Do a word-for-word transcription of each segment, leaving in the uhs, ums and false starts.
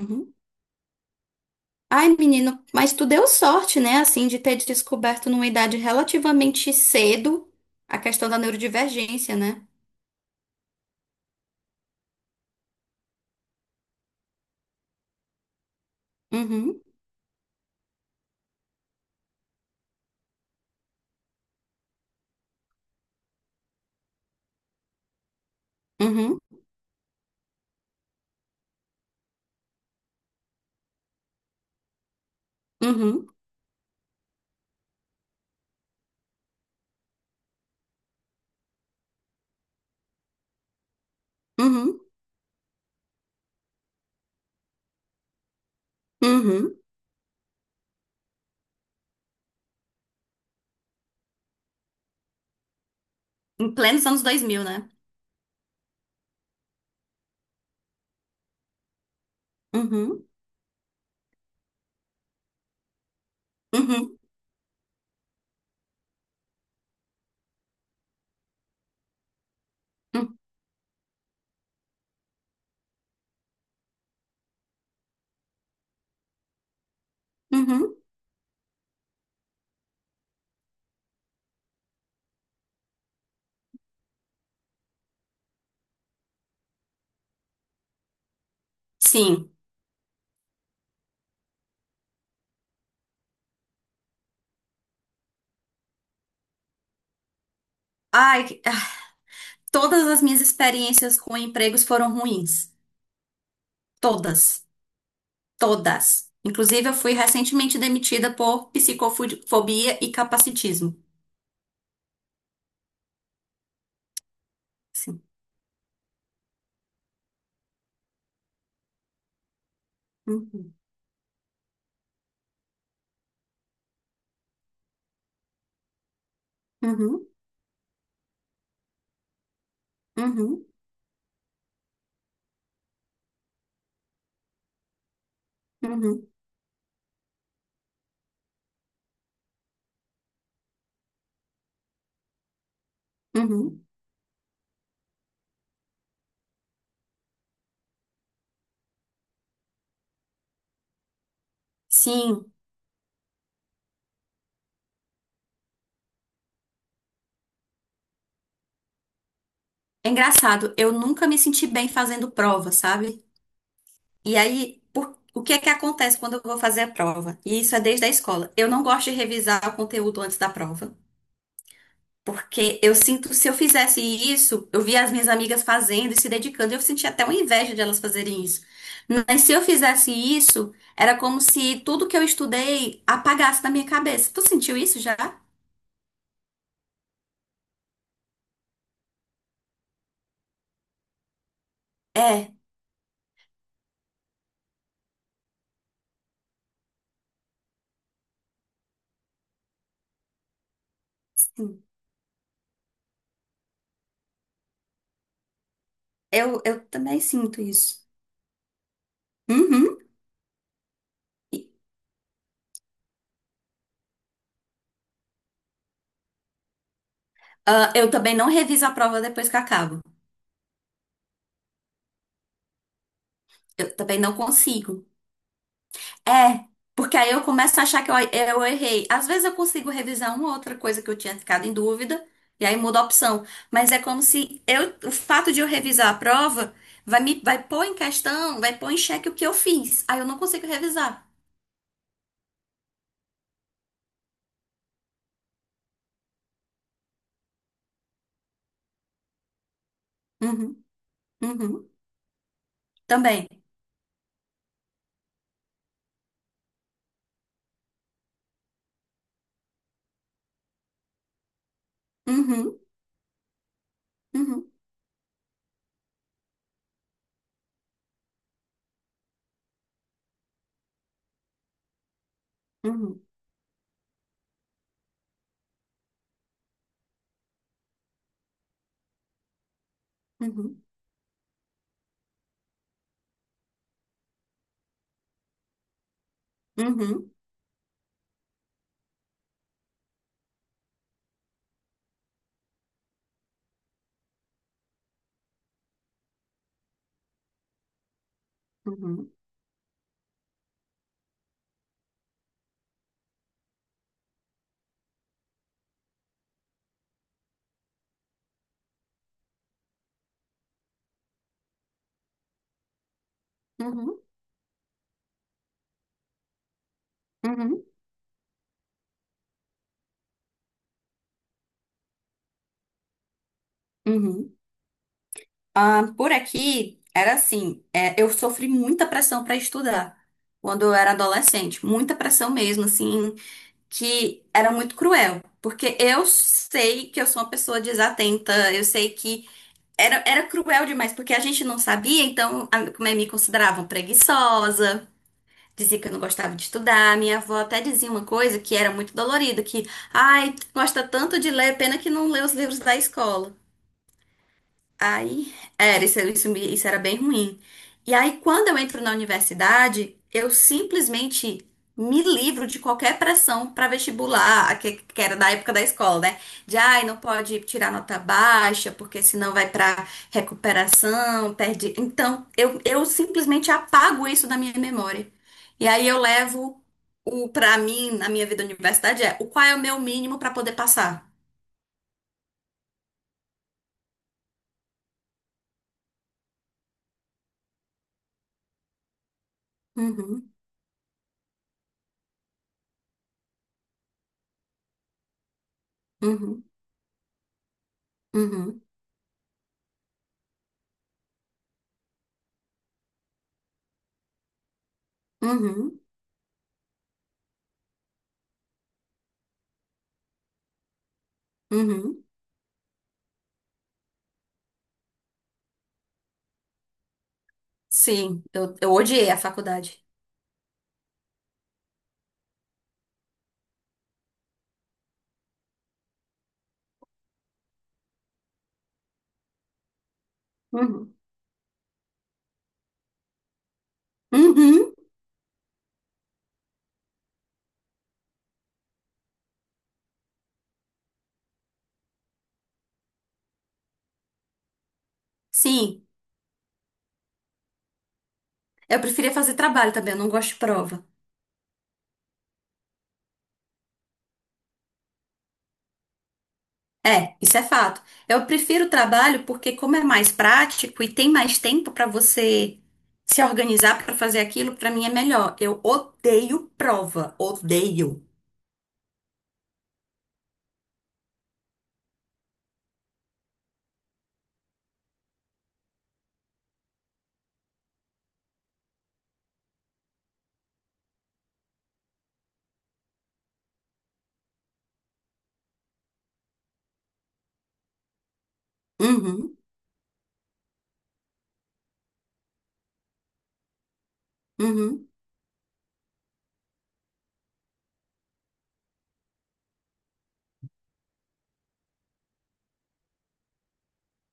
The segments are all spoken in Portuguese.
Uhum. Ai, menino, mas tu deu sorte, né, assim, de ter descoberto numa idade relativamente cedo a questão da neurodivergência, né? Uhum, uhum, uhum, uhum, uhum. Em plenos anos dois mil, né? Uhum, uhum, uhum, uhum. Sim. Ai, que- ah, todas as minhas experiências com empregos foram ruins. Todas, todas. Inclusive, eu fui recentemente demitida por psicofobia e capacitismo. Sim. Uhum, uhum, uhum, uhum. Uhum. Sim, é engraçado. Eu nunca me senti bem fazendo prova, sabe? E aí, por- o que é que acontece quando eu vou fazer a prova? E isso é desde a escola. Eu não gosto de revisar o conteúdo antes da prova, porque eu sinto, se eu fizesse isso, eu via as minhas amigas fazendo e se dedicando, e eu sentia até uma inveja de elas fazerem isso. Mas se eu fizesse isso, era como se tudo que eu estudei apagasse da minha cabeça. Tu sentiu isso já? É, sim. Eu, eu também sinto isso. Uhum. Ah, eu também não reviso a prova depois que acabo. Eu também não consigo. É, porque aí eu começo a achar que eu, eu errei. Às vezes eu consigo revisar uma outra coisa que eu tinha ficado em dúvida, e aí muda a opção. Mas é como se eu, o fato de eu revisar a prova vai me, vai pôr em questão, vai pôr em xeque o que eu fiz. Aí eu não consigo revisar. Uhum, uhum, também. Uhum, uhum, uhum, uhum, uhum, uhum, uhum, uhum, uhum, uhum. Ah, por aqui era assim, é, eu sofri muita pressão para estudar quando eu era adolescente, muita pressão mesmo, assim, que era muito cruel, porque eu sei que eu sou uma pessoa desatenta, eu sei que era, era cruel demais, porque a gente não sabia, então a, como é, me consideravam preguiçosa. Dizia que eu não gostava de estudar. Minha avó até dizia uma coisa que era muito dolorida, que, ai, gosta tanto de ler, pena que não lê os livros da escola. Aí, era, isso, isso, me- isso era bem ruim. E aí, quando eu entro na universidade, eu simplesmente me livro de qualquer pressão para vestibular, a que, que era da época da escola, né? De, ai, não pode tirar nota baixa, porque senão vai para recuperação, perde. Então, eu, eu simplesmente apago isso da minha memória. E aí, eu levo o, para mim, na minha vida universidade, é o qual é o meu mínimo para poder passar. Uhum, uhum, uhum, uhum, uhum. Sim, eu, eu odiei a faculdade. Uhum. Uhum, sim. Eu preferia fazer trabalho também, eu não gosto de prova. É, isso é fato. Eu prefiro o trabalho porque, como é mais prático e tem mais tempo pra você se organizar pra fazer aquilo, pra mim é melhor. Eu odeio prova, odeio. Uhum, uhum,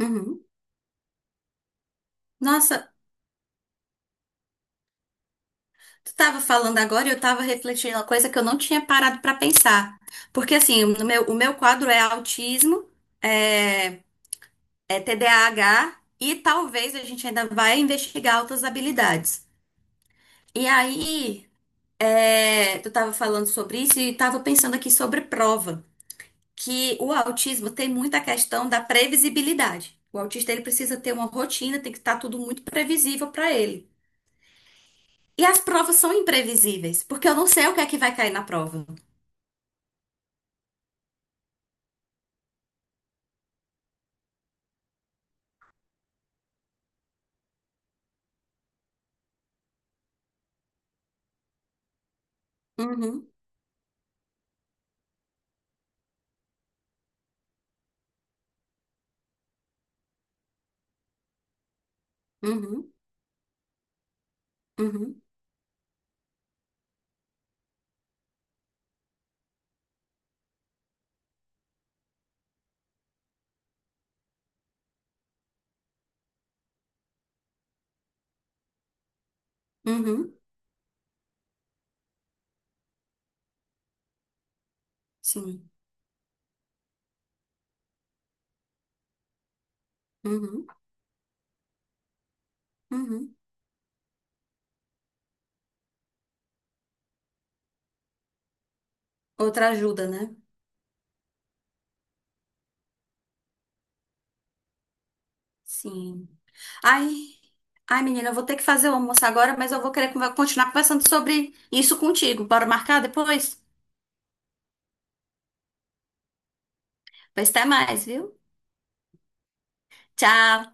uhum. Nossa, tu tava falando agora e eu tava refletindo uma coisa que eu não tinha parado pra pensar. Porque, assim, no meu, o meu quadro é autismo. É, é T D A H e talvez a gente ainda vai investigar outras habilidades. E aí, é, tu estava falando sobre isso e estava pensando aqui sobre prova, que o autismo tem muita questão da previsibilidade. O autista ele precisa ter uma rotina, tem que estar tudo muito previsível para ele. E as provas são imprevisíveis, porque eu não sei o que é que vai cair na prova. Uhum, uhum, uhum, uhum, sim, uhum, uhum. Outra ajuda, né? Sim. Ai. Ai, menina, eu vou ter que fazer o almoço agora, mas eu vou querer conver- continuar conversando sobre isso contigo. Bora marcar depois? Pois até mais, viu? Tchau!